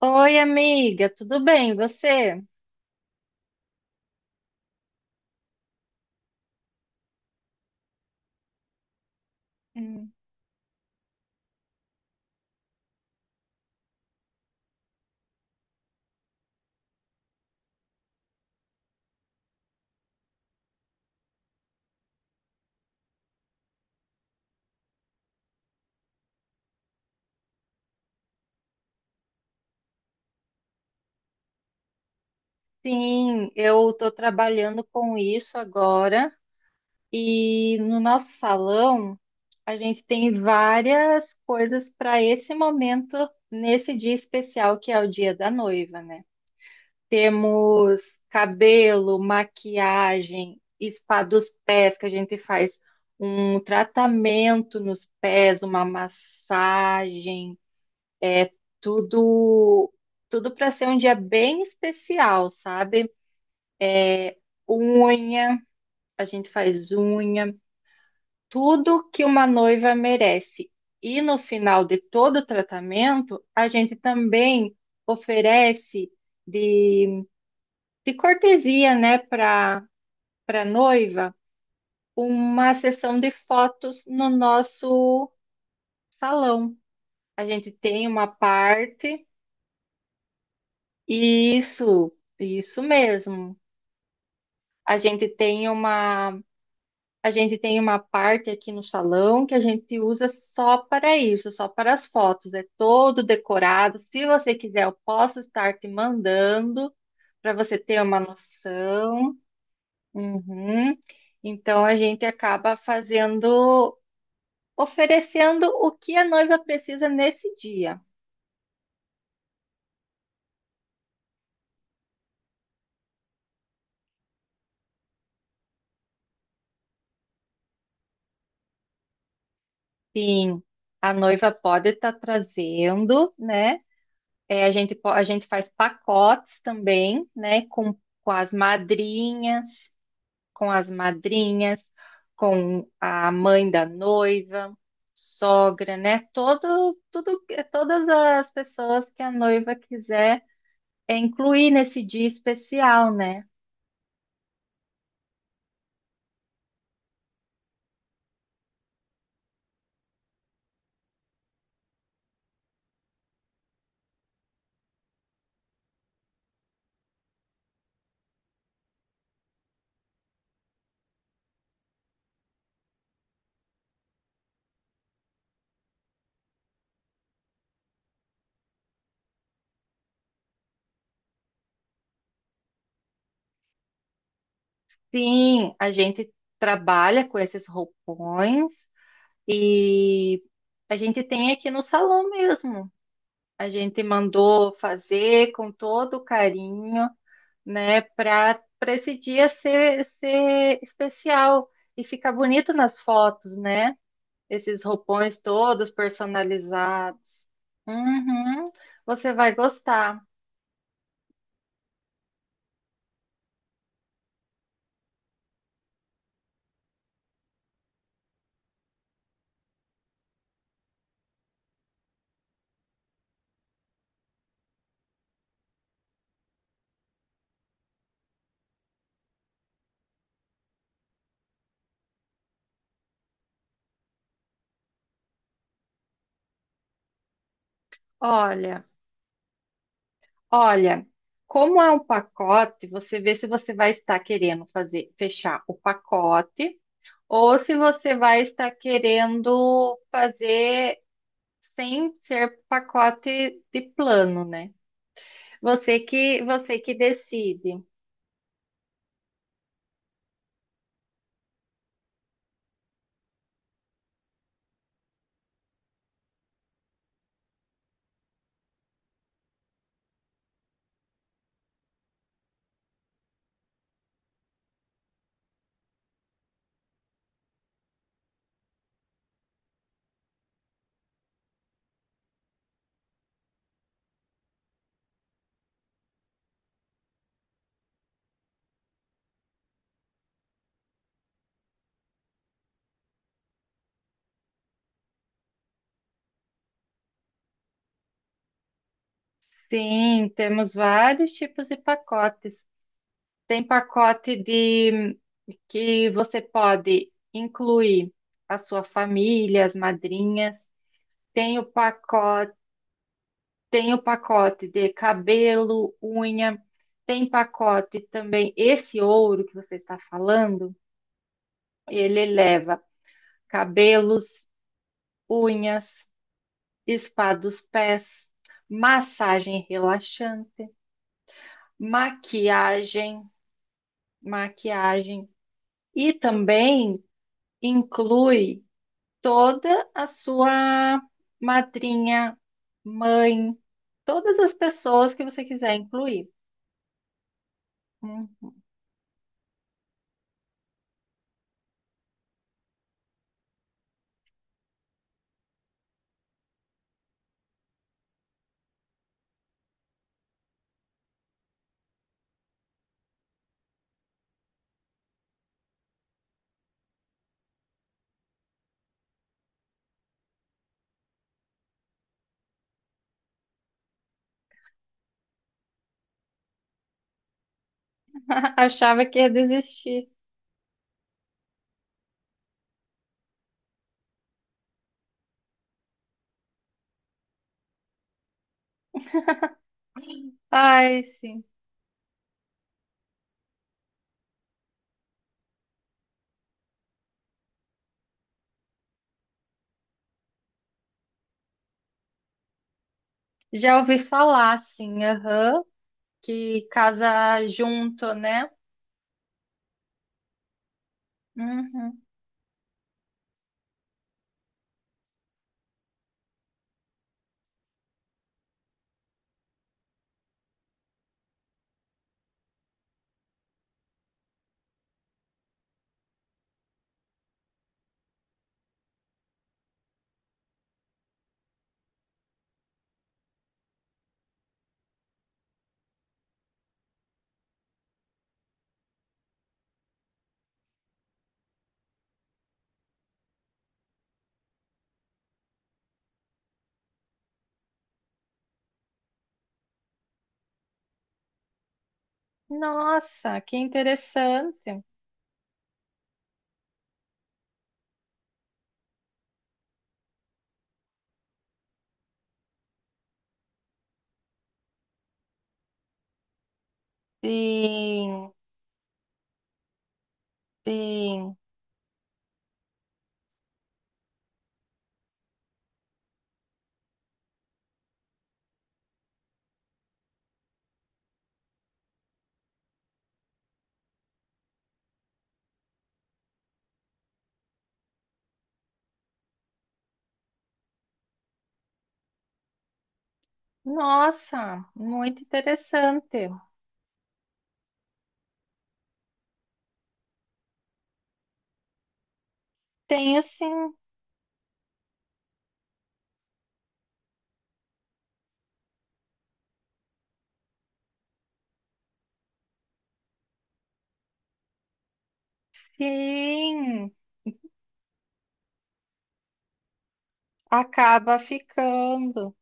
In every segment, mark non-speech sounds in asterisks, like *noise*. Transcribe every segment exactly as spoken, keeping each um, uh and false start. Oi, amiga, tudo bem? Você? Hum. Sim, eu estou trabalhando com isso agora e no nosso salão a gente tem várias coisas para esse momento, nesse dia especial que é o dia da noiva, né? Temos cabelo, maquiagem, spa dos pés, que a gente faz um tratamento nos pés, uma massagem. É tudo, tudo para ser um dia bem especial, sabe? É unha, a gente faz unha, tudo que uma noiva merece. E no final de todo o tratamento, a gente também oferece de, de cortesia, né, para para noiva, uma sessão de fotos no nosso salão. A gente tem uma parte, e isso, isso mesmo. A gente tem uma, a gente tem uma parte aqui no salão que a gente usa só para isso, só para as fotos. É todo decorado. Se você quiser, eu posso estar te mandando para você ter uma noção. Uhum. Então a gente acaba fazendo, oferecendo o que a noiva precisa nesse dia. Sim, a noiva pode estar trazendo, né? É, a gente, po- a gente faz pacotes também, né? Com, com as madrinhas, com as madrinhas, com a mãe da noiva, sogra, né? Todo, tudo, é, todas as pessoas que a noiva quiser é, incluir nesse dia especial, né? Sim, a gente trabalha com esses roupões e a gente tem aqui no salão mesmo. A gente mandou fazer com todo carinho, né? Para para esse dia ser, ser especial e ficar bonito nas fotos, né? Esses roupões todos personalizados. Uhum, você vai gostar. Olha, Olha, como é um pacote, você vê se você vai estar querendo fazer, fechar o pacote ou se você vai estar querendo fazer sem ser pacote de plano, né? Você que você que decide. Sim, temos vários tipos de pacotes. Tem pacote de que você pode incluir a sua família, as madrinhas. Tem o pacote, tem o pacote de cabelo, unha. Tem pacote também esse ouro que você está falando, ele leva cabelos, unhas, spa dos pés, massagem relaxante, maquiagem, maquiagem. E também inclui toda a sua madrinha, mãe, todas as pessoas que você quiser incluir. Hum. *laughs* Achava que ia desistir. Ai, sim. Já ouvi falar, sim, aham, que casa junto, né? Uhum. Nossa, que interessante. Sim, sim. Nossa, muito interessante. Tenho sim, sim. Acaba ficando.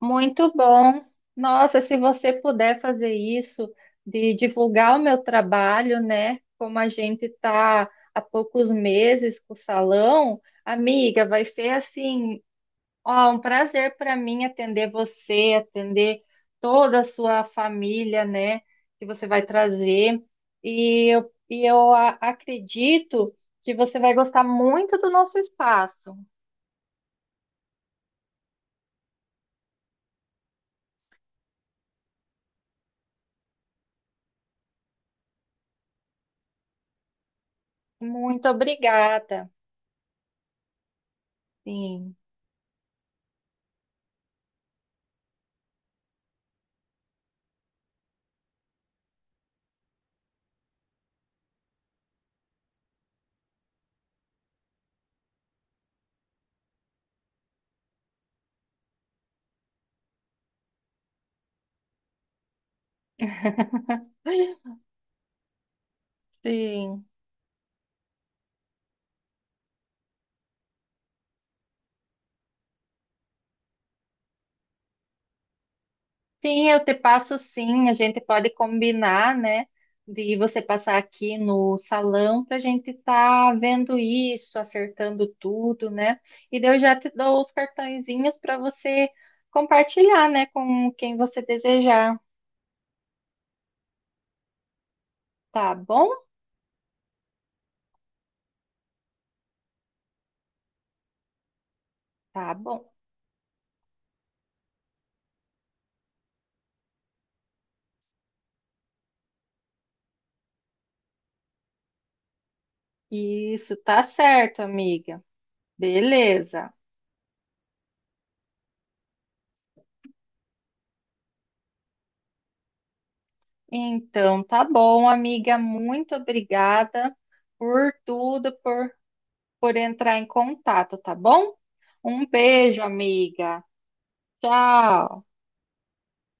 Muito bom. Nossa, se você puder fazer isso, de divulgar o meu trabalho, né? Como a gente está há poucos meses com o salão, amiga, vai ser assim, ó, um prazer para mim atender você, atender toda a sua família, né? Que você vai trazer. E eu, e eu a- acredito que você vai gostar muito do nosso espaço. Muito obrigada. Sim, sim. Sim, eu te passo sim. A gente pode combinar, né? De você passar aqui no salão para a gente estar vendo isso, acertando tudo, né? E daí eu já te dou os cartõezinhos para você compartilhar, né? Com quem você desejar. Tá bom? Tá bom. Isso, tá certo, amiga. Beleza. Então, tá bom, amiga. Muito obrigada por tudo, por por entrar em contato, tá bom? Um beijo, amiga. Tchau.